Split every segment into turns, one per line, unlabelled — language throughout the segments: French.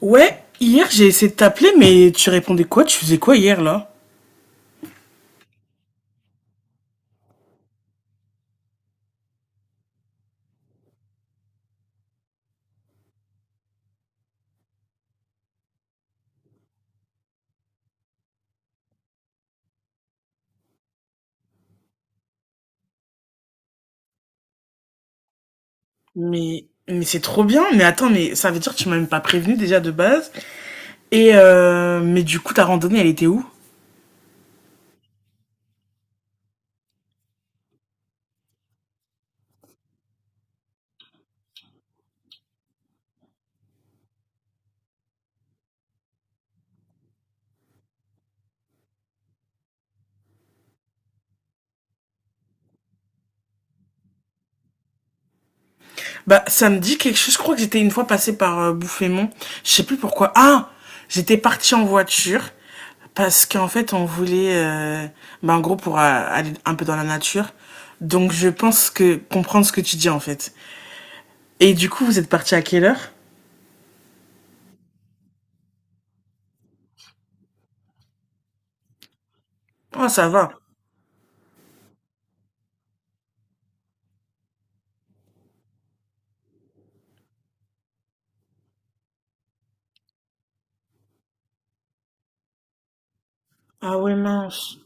Ouais, hier j'ai essayé de t'appeler, mais tu répondais quoi? Tu faisais quoi hier là? Mais c'est trop bien. Mais attends, mais ça veut dire que tu m'as même pas prévenu déjà de base. Et mais du coup, ta randonnée, elle était où? Bah, ça me dit quelque chose. Je crois que j'étais une fois passée par Bouffémont. Je sais plus pourquoi. Ah, j'étais partie en voiture parce qu'en fait, on voulait, bah, en gros, pour aller un peu dans la nature. Donc, je pense que comprendre ce que tu dis en fait. Et du coup, vous êtes parti à quelle heure? Oh, ça va. Ah ouais, mince.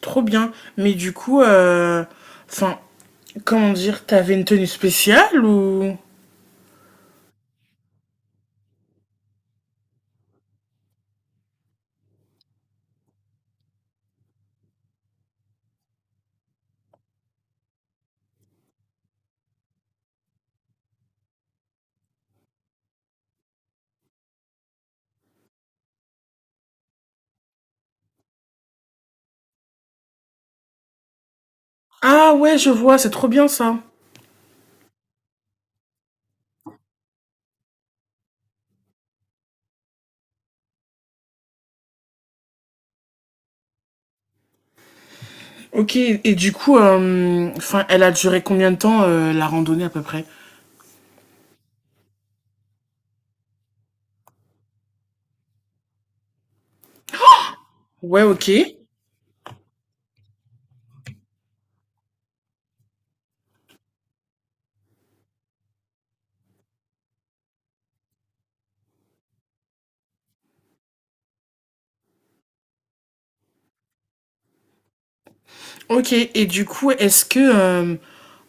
Trop bien. Mais du coup, enfin, comment dire, t'avais une tenue spéciale ou ah ouais, je vois, c'est trop bien ça. Ok, et du coup, enfin, elle a duré combien de temps la randonnée à peu près ouais, ok. Ok, et du coup, est-ce que,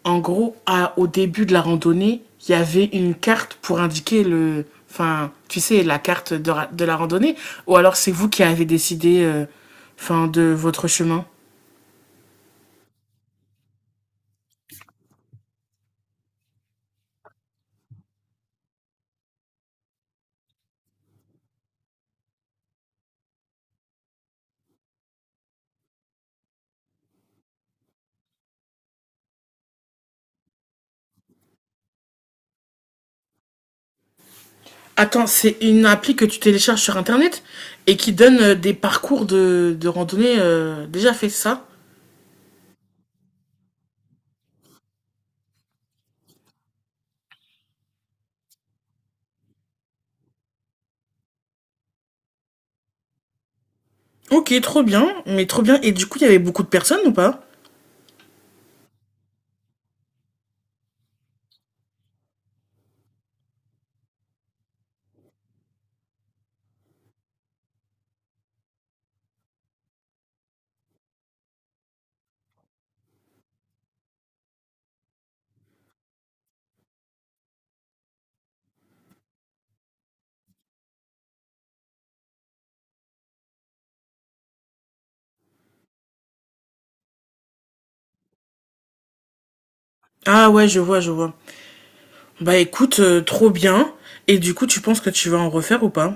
en gros, au début de la randonnée, il y avait une carte pour indiquer le, enfin, tu sais, la carte de, de la randonnée, ou alors c'est vous qui avez décidé, enfin, de votre chemin attends, c'est une appli que tu télécharges sur internet et qui donne des parcours de randonnée déjà fait ça. Ok, trop bien, mais trop bien. Et du coup, il y avait beaucoup de personnes ou pas? Ah ouais, je vois, je vois. Bah écoute, trop bien. Et du coup, tu penses que tu vas en refaire ou pas?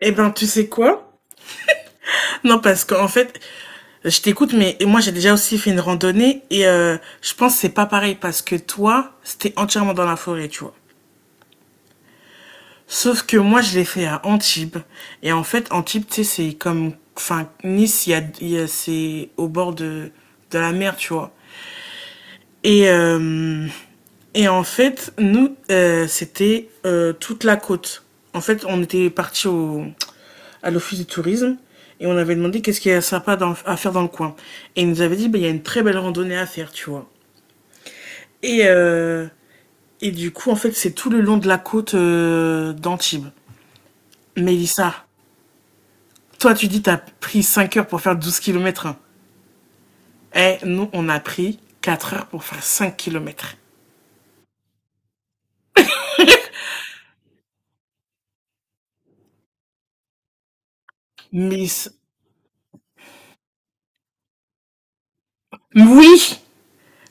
Eh ben, tu sais quoi? Non, parce qu'en fait, je t'écoute, mais moi j'ai déjà aussi fait une randonnée et je pense que c'est pas pareil parce que toi, c'était entièrement dans la forêt, tu vois. Sauf que moi, je l'ai fait à Antibes. Et en fait, Antibes, tu sais, c'est comme. Enfin, Nice, il y a, c'est au bord de la mer, tu vois. Et, euh, et en fait, nous, c'était toute la côte. En fait, on était parti au, à l'office du tourisme et on avait demandé qu'est-ce qu'il y a sympa à faire dans le coin. Et ils nous avaient dit, bah, il y a une très belle randonnée à faire, tu vois. Et, euh, et du coup, en fait, c'est tout le long de la côte d'Antibes. Mélissa. Toi, tu dis, t'as pris 5 heures pour faire 12 kilomètres. Eh, nous, on a pris 4 heures pour faire 5 kilomètres. Mais, oui,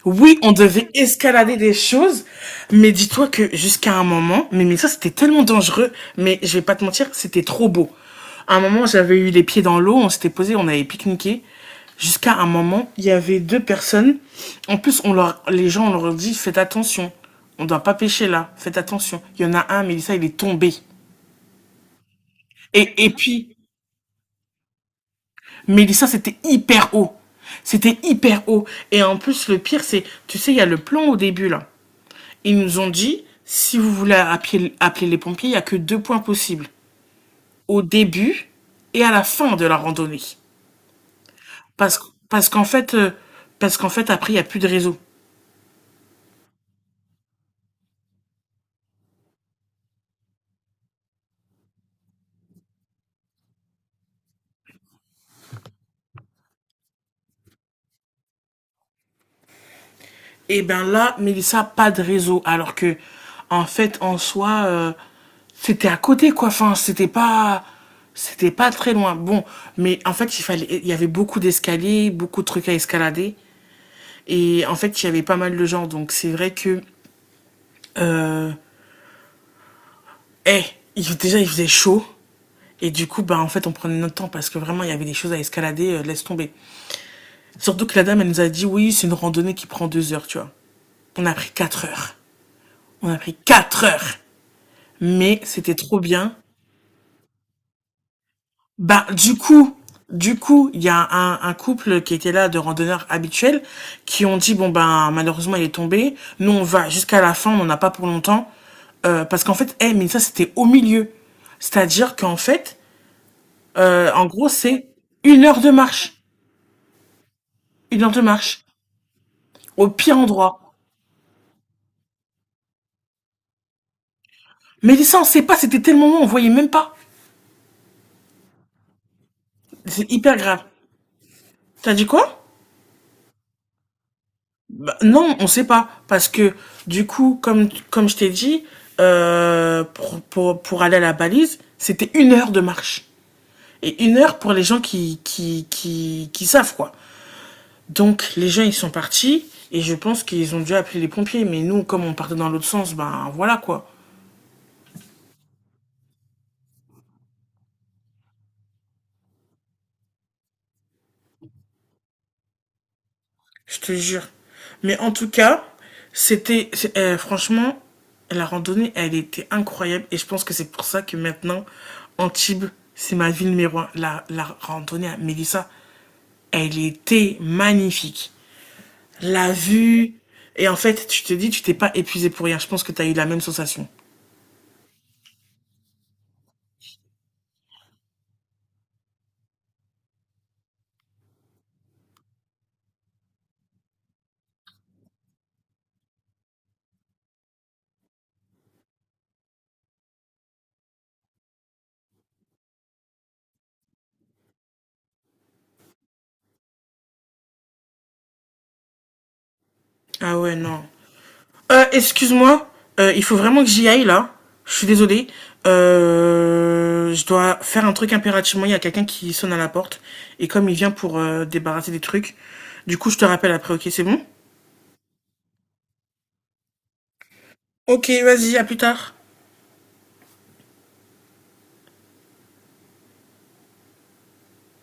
oui, on devait escalader des choses. Mais dis-toi que jusqu'à un moment, mais ça, c'était tellement dangereux. Mais je vais pas te mentir, c'était trop beau. À un moment, j'avais eu les pieds dans l'eau, on s'était posé, on avait pique-niqué. Jusqu'à un moment, il y avait deux personnes. En plus, on leur, les gens, on leur dit, faites attention. On ne doit pas pêcher là. Faites attention. Il y en a un, Mélissa, il est tombé. Et puis, Mélissa, c'était hyper haut. C'était hyper haut. Et en plus, le pire, c'est, tu sais, il y a le plan au début, là. Ils nous ont dit, si vous voulez appeler, appeler les pompiers, il n'y a que deux points possibles. Au début et à la fin de la randonnée. Parce, parce qu'en fait, euh, parce qu'en fait, après, il n'y a plus de réseau. Et bien là, Mélissa, pas de réseau. Alors que, en fait, en soi, c'était à côté, quoi. Enfin, c'était pas. C'était pas très loin. Bon, mais en fait, il fallait, il y avait beaucoup d'escaliers, beaucoup de trucs à escalader. Et en fait, il y avait pas mal de gens. Donc, c'est vrai que, euh, eh, déjà, il faisait chaud. Et du coup, bah, en fait, on prenait notre temps parce que vraiment, il y avait des choses à escalader, laisse tomber. Surtout que la dame, elle nous a dit, oui, c'est une randonnée qui prend 2 heures, tu vois. On a pris quatre heures. On a pris quatre heures. Mais c'était trop bien. Bah, du coup, il y a un couple qui était là de randonneurs habituels qui ont dit bon ben malheureusement il est tombé. Nous on va jusqu'à la fin, on n'en a pas pour longtemps. Parce qu'en fait, eh mais ça c'était au milieu. C'est-à-dire qu'en fait, en gros c'est une heure de marche, une heure de marche au pire endroit. Mais ça on sait pas, c'était tellement long, on voyait même pas. C'est hyper grave. T'as dit quoi? Bah, non, on sait pas. Parce que, du coup, comme, comme je t'ai dit, pour aller à la balise, c'était une heure de marche. Et une heure pour les gens qui, qui savent, quoi. Donc, les gens, ils sont partis. Et je pense qu'ils ont dû appeler les pompiers. Mais nous, comme on partait dans l'autre sens, ben voilà, quoi. Je te jure. Mais en tout cas, c'était franchement la randonnée, elle était incroyable et je pense que c'est pour ça que maintenant Antibes, c'est ma ville numéro un. La randonnée à Mélissa, elle était magnifique. La vue et en fait, tu te dis, tu t'es pas épuisé pour rien. Je pense que tu as eu la même sensation. Ah ouais, non. Excuse-moi, il faut vraiment que j'y aille là. Je suis désolée. Je dois faire un truc impérativement. Il y a quelqu'un qui sonne à la porte. Et comme il vient pour débarrasser des trucs, du coup, je te rappelle après, ok, c'est bon? Ok, vas-y, à plus tard.